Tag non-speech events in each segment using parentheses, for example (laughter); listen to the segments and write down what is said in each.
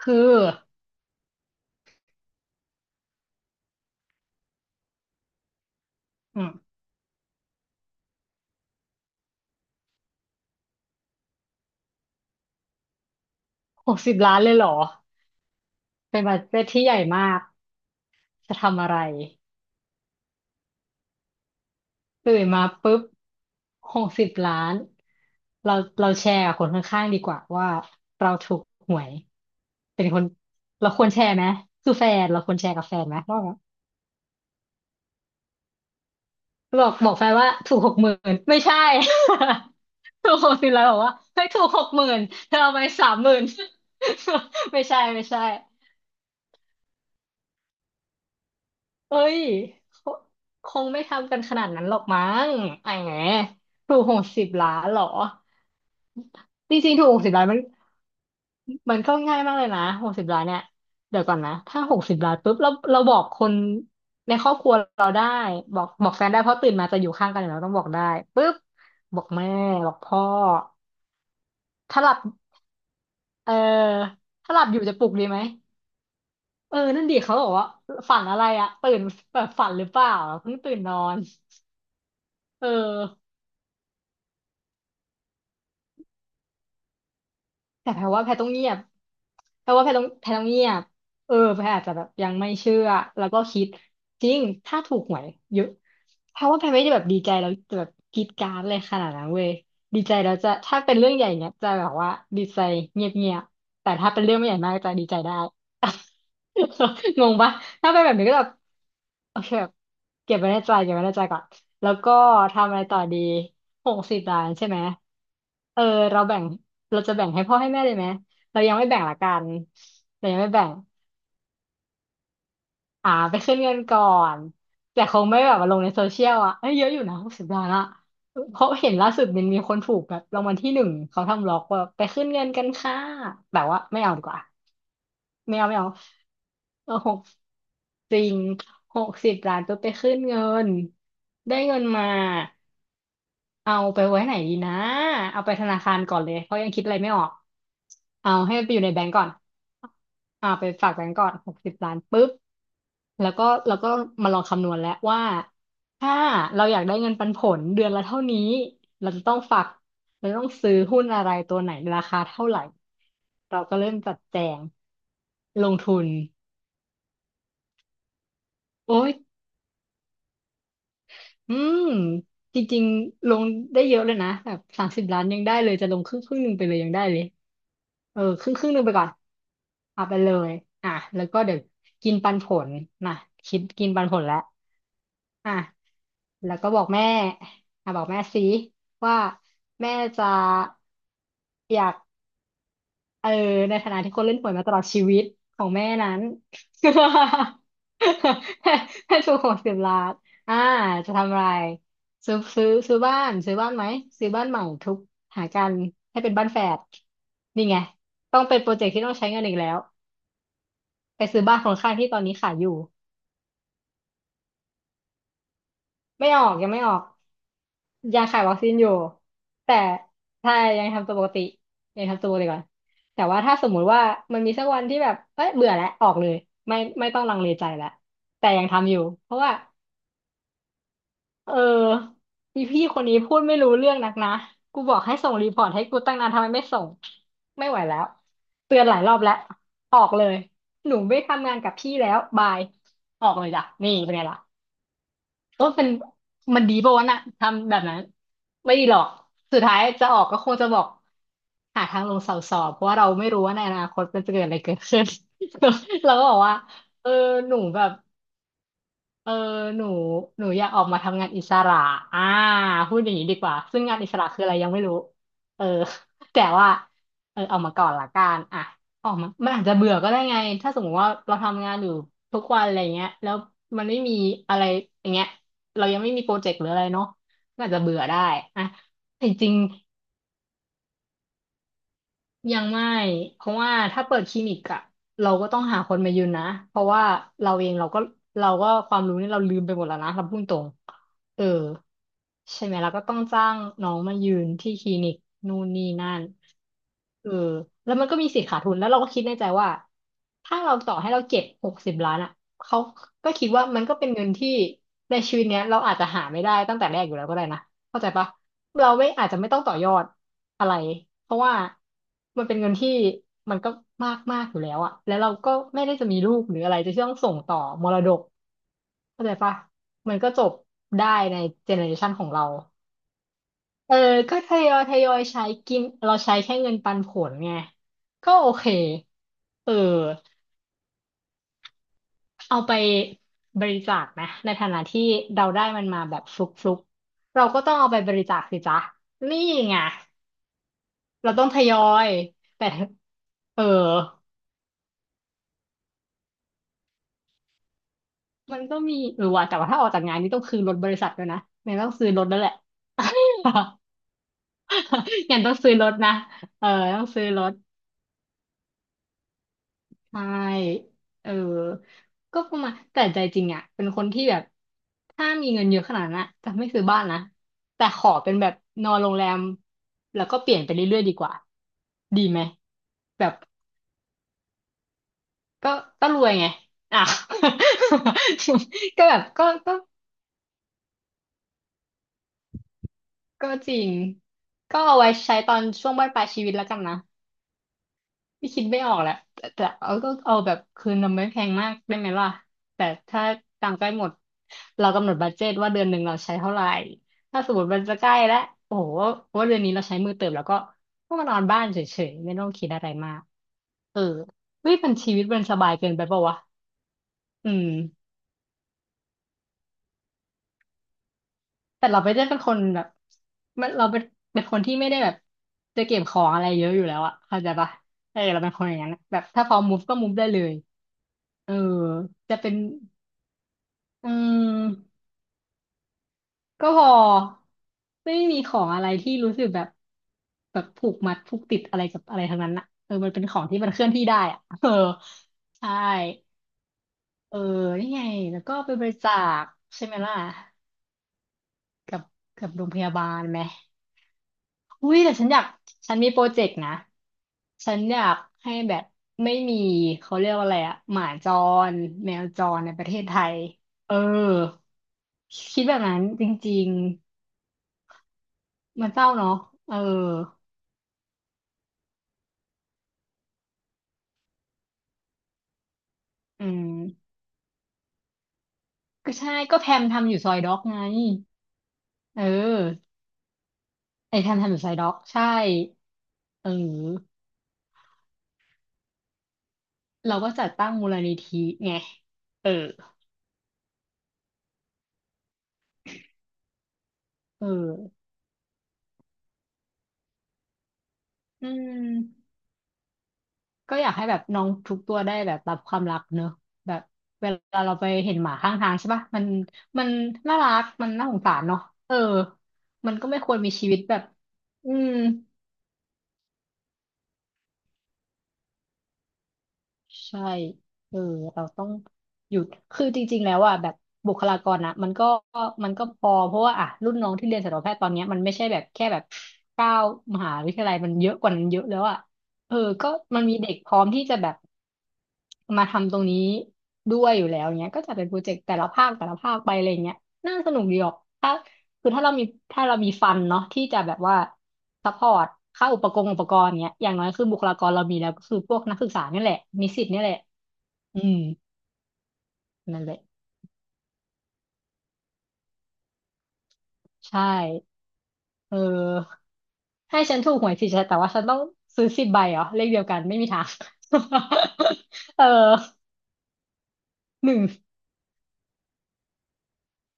คืออืม60 ล้านเลยเหรอเป็นบัดเจ็ตที่ใหญ่มากจะทำอะไรตื่นมาปุ๊บหกสิบล้านเราเราแชร์กับคนข้างๆดีกว่าว่าเราถูกหวยเป็นคนเราควรแชร์ไหมคือแฟนเราควรแชร์กับแฟนไหมว่าแบบบอกแฟนว่าถูกหกหมื่นไม่ใช่ (laughs) ถูก60 ล้านบอกว่าเฮ้ยถูกหกหมื่นเธอเอาไป30,000 (laughs) ไม่ใช่ไม่ใช่ เอ้ยคคงไม่ทำกันขนาดนั้นหรอกมั้งไอ้แหมถูกหกสิบล้านเหรอจริงๆถูกหกสิบล้านมันมันก็ง่ายมากเลยนะหกสิบล้านเนี่ยเดี๋ยวก่อนนะถ้าหกสิบล้านปุ๊บเราบอกคนในครอบครัวเราได้บอกแฟนได้เพราะตื่นมาจะอยู่ข้างกันอยู่แล้วต้องบอกได้ปุ๊บบอกแม่บอกพ่อถ้าหลับเออถ้าหลับอยู่จะปลุกดีไหมเออนั่นดิเขาบอกว่าฝันอะไรอะตื่นแบบฝันหรือเปล่าเพิ่งตื่นนอนเออ แต่แพรว่าแพรต้องเงียบแพรว่าแพรต้องเงียบเออแพรอาจจะแบบยังไม่เชื่อ แล้วก็คิดจริงถ้าถูกหวยเยอะแพรว่าแพรไม่ได้แบบดีใจแล้วจะแบบกรี๊ดกร๊าดเลยขนาดนั้นเว้ยดีใจแล้วจะถ้าเป็นเรื่องใหญ่เนี้ยจะแบบว่าดีใจเงียบเงียบแต่ถ้าเป็นเรื่องไม่ใหญ่มากจะดีใจได้ (laughs) งงปะ ถ้าเป็นแบบนี้ก็แบบโอเคแบบเก็บไว้ในใจเก็บไว้ในใจก่อน แล้วก็ทำอะไรต่อดี หกสิบล้านใช่ไหม เออเราแบ่ง เราจะแบ่งให้พ่อให้แม่เลยไหมเรายังไม่แบ่งละกันเรายังไม่แบ่งอ่าไปขึ้นเงินก่อน แต่คงไม่แบบมาลงในโซเชียลอ่ะเอ้ยเยอะอยู่นะหกสิบล้านอะเพราะเห็นล่าสุดมันมีคนถูกแบบรางวัลที่หนึ่งเขาทำล็อกว่าไปขึ้นเงินกันค่ะแบบว่าไม่เอาดีกว่าไม่เอาไม่เอาเออหกจริงหกสิบล้านตัวไปขึ้นเงินได้เงินมา เอาไปไว้ไหนดีนะ เอาไปธนาคารก่อนเลยเพราะยังคิดอะไรไม่ออก เอาให้มันไปอยู่ในแบงก์ก่อนอ่าไปฝากแบงก์ก่อนหกสิบล้านปุ๊บ แล้วก็แล้วก็มาลองคำนวณแล้วว่าถ้าเราอยากได้เงินปันผลเดือนละเท่านี้ เราจะต้องฝากเราต้องซื้อหุ้นอะไรตัวไหนราคาเท่าไหร่เราก็เริ่มจัดแจงลงทุนโอ้ย อืมจริงๆลงได้เยอะเลยนะแบบ30 ล้านยังได้เลยจะลงครึ่งหนึ่งไปเลยยังได้เลยเออครึ่งหนึ่งไปก่อนเอาไปเลยอ่ะแล้วก็เดี๋ยวกินปันผลนะคิดกินปันผลแล้วอ่ะแล้วก็บอกแม่อ่ะบอกแม่สิว่าแม่จะอยาก เออในฐานะที่คนเล่นหวยมาตลอดชีวิตของแม่นั้น (laughs) ให้ถูก60 ล้านอ่าจะทำอะไรซื้อบ้านไหมซื้อบ้านใหม่ทุกหากันให้เป็นบ้านแฝดนี่ไงต้องเป็นโปรเจกต์ที่ต้องใช้เงินอีกแล้วไปซื้อบ้านของข้างที่ตอนนี้ขายอยู่ ไม่ออกยังไม่ออกยังขายวัคซีนอยู่แต่ถ้ายังทำตัวปกติยังทำตัวปกติก่อนแต่ว่าถ้าสมมุติว่ามันมีสักวันที่แบบเอ้ยเบื่อแล้วออกเลยไม่ต้องลังเลใจแล้วแต่ยังทำอยู่เพราะว่าเออมีพี่คนนี้พูดไม่รู้เรื่องนักนะกูบอกให้ส่งรีพอร์ตให้กูตั้งนานทำไมไม่ส่งไม่ไหวแล้วเตือนหลายรอบแล้วออกเลยหนูไม่ทำงานกับพี่แล้วบายออกเลยจ้ะนี่เป็นไงล่ะ ก็เป็นมันดีป่าวะน่ะทำแบบนั้นไม่ดีหรอกสุดท้ายจะออกก็คงจะบอกหาทางลงเสาสอบเพราะว่าเราไม่รู้ว่าในอนาคตมันจะเกิดอะไรเกิดขึ้น (laughs) เราก็บอกว่าเออหนูแบบ เออหนูหนูอยากออกมาทำงานอิสระอ่าพูดอย่างนี้ดีกว่าซึ่งงานอิสระคืออะไรยังไม่รู้เออ (laughs) แต่ว่าเออออกมาก่อนละกันอ่ะออกมามันอาจจะเบื่อก็ได้ไงถ้าสมมติว่าเราทำงานอยู่ทุกวันอะไรเงี้ยแล้วมันไม่มีอะไรอย่างเงี้ยเรายังไม่มีโปรเจกต์หรืออะไรเนาะก็อาจจะเบื่อได้อ่ะแต่จริง ยังไม่เพราะว่าถ้าเปิดคลินิกอะเราก็ต้องหาคนมายืนนะเพราะว่าเราเองเราก็ความรู้นี่เราลืมไปหมดแล้วนะเราพูดตรงเออใช่ไหมเราก็ต้องจ้างน้องมายืนที่คลินิกนู่นนี่นั่นเออแล้วมันก็มีสิทธิ์ขาดทุนแล้วเราก็คิดในใจว่าถ้าเราต่อให้เราเก็บหกสิบล้านอะเขาก็คิดว่ามันก็เป็นเงินที่ในชีวิตเนี้ยเราอาจจะหาไม่ได้ตั้งแต่แรกอยู่แล้วก็ได้นะเข้าใจปะ เราไม่อาจจะไม่ต้องต่อยอดอะไรเพราะว่ามันเป็นเงินที่มันก็มากมากอยู่แล้วอะแล้วเราก็ไม่ได้จะมีลูกหรืออะไรจะต้องส่งต่อมรดกเข้าใจปะมันก็จบได้ในเจเนอเรชันของเราเออก็ทยอยทยอยใช้กินเราใช้แค่เงินปันผลไงก็โอเคเออเอาไปบริจาคนะในฐานะที่เราได้มันมาแบบฟลุกๆเราก็ต้องเอาไปบริจาคสิจ๊ะนี่ไง เราต้องทยอยแต่เออมันก็มีเออว่ะแต่ว่าถ้าออกจากงานนี่ต้องคืนรถบริษัทด้วยนะเนี่ยต้องซื้อรถแล้วแหละ (laughs) ยันต้องซื้อรถนะเออต้องซื้อรถใช่เออก็ประมาณแต่ใจจริงอ่ะเป็นคนที่แบบถ้ามีเงินเยอะขนาดนั้นอะจะไม่ซื้อบ้านนะแต่ขอเป็นแบบนอนโรงแรมแล้วก็เปลี่ยนไปเรื่อยๆดีกว่าดีไหมแบบก็ก็รวยไงอ่ะ (laughs) ก็แบบ ก็จริงก็เอาไว้ใช้ตอนช่วงบั้นปลายชีวิตแล้วกันนะไม่คิดไม่ออกแหละแต่เอาก็เอาแบบคืนเราไม่แพงมากได้ไหมล่ะแต่ถ้าตังค์ใกล้หมดเรากำหนดบัดเจตว่าเดือนหนึ่งเราใช้เท่าไหร่ถ้าสมมติมันจะใกล้แล้วโอ้โหว่าเดือนนี้เราใช้มือเติมแล้วก็ก็มานอนบ้านเฉยๆไม่ต้องคิดอะไรมากเออเฮ้ยมันชีวิตมันสบายเกินไปปะวะอืม แต่เราไปเล่นเป็นคนแบบมันเราเป็นเป็นคนที่ไม่ได้แบบจะเก็บของอะไรเยอะอยู่แล้วอะเข้าใจปะเออเราเป็นคนอย่างนั้นอะแบบถ้าพร้อมุูฟก็มูฟได้เลยเออจะเป็นอืมก็พอไม่มีของอะไรที่รู้สึกแบบแบบผูกมัดผูกติดอะไรกับอะไรทั้งนั้นอะเออมันเป็นของที่มันเคลื่อนที่ได้อะ (laughs) เออใช่เออนี่ไงแล้วก็ไปบริจาคใช่ไหมล่ะกับกับโรงพยาบาลไหม อุ้ยแต่ฉันอยากฉันมีโปรเจกต์นะฉันอยากให้แบบไม่มีเขาเรียกว่าอะไรอะหมาจรแมวจรในประเทศไทยเออคิดแบบนั้นจริงๆมันเศร้าเนาะเอออืมก็ใช่ก็แพมทำอยู่ซอยด็อกไงเออไอแพมทำอยู่ซอยด็อกใช่เออเราก็จัดตั้งมูลนิธิไงเออเอออืม ก็อยากให้แบบน้องทุกตัวได้แบบรับความรักเนอะแบบเวลาเราไปเห็นหมาข้างทางใช่ปะมันมันน่ารักมันน่าสงสารเนาะเออมันก็ไม่ควรมีชีวิตแบบอืม ใช่เออเราต้องหยุดคือจริงๆ แล้วอ่ะแบบบุคลากรนะมันก็พอเพราะว่าอ่ะรุ่นน้องที่เรียนสัตวแพทย์ตอนเนี้ยมันไม่ใช่แบบแค่แบบ9 มหาวิทยาลัยมันเยอะกว่านั้นเยอะแล้วอ่ะเออก็มันมีเด็กพร้อมที่จะแบบมาทำตรงนี้ด้วยอยู่แล้วเนี้ยก็จะเป็นโปรเจกต์แต่ละภาคแต่ละภาคไปอะไรเงี้ยน่าสนุกดีออกถ้าคือถ้าเรามีฟันเนาะที่จะแบบว่า ซัพพอร์ตค่าอุปกรณ์เนี้ยอย่างน้อยคือบุคลากรเรามีแล้วก็คือพวกนักศึกษานี่แหละนิสิตนี่แหละอืมนั่นแหละใช่เออให้ฉันถูกหวยสิฉันแต่ว่าฉันต้องซื้อ10 ใบเหรอเลขเดียวกันไม่มีทาง (laughs) เออหนึ่ง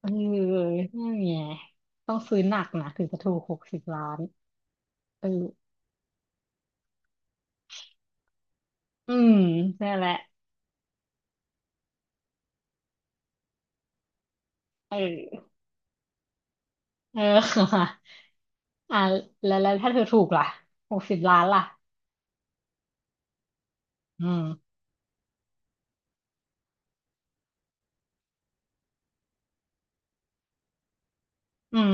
เออนั่นไงต้องซื้อหนักนะถึงจะถูกหกสิบล้านเอออืมนั่นแหละเออเออ (laughs) อ่าแล้วแล้วถ้าเธอถูกล่ะหกสิบล้านล่ะอืมอืม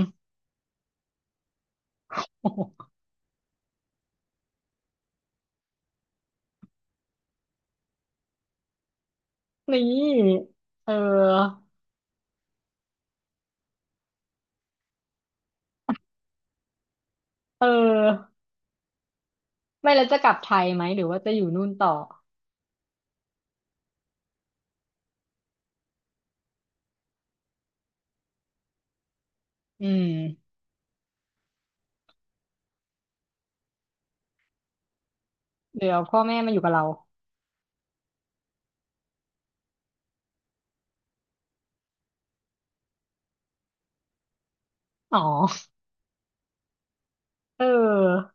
(laughs) นี่ เออ เออ ไม่แล้วจะกลับไทยไหมหรือว่าจะอยู่นู่นต่อ อืม เดี๋ยวพ่อแม่มาอยู่กับเรา อ๋อ เออ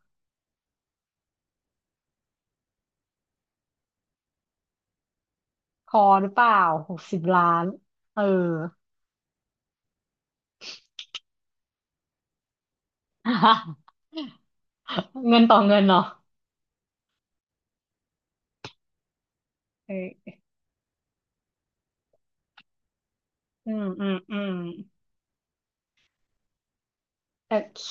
พอหรือเปล่า60 ล้าน เออ (laughs) เงินต่อเงินเนาะเอออืม อืม อืม โอเค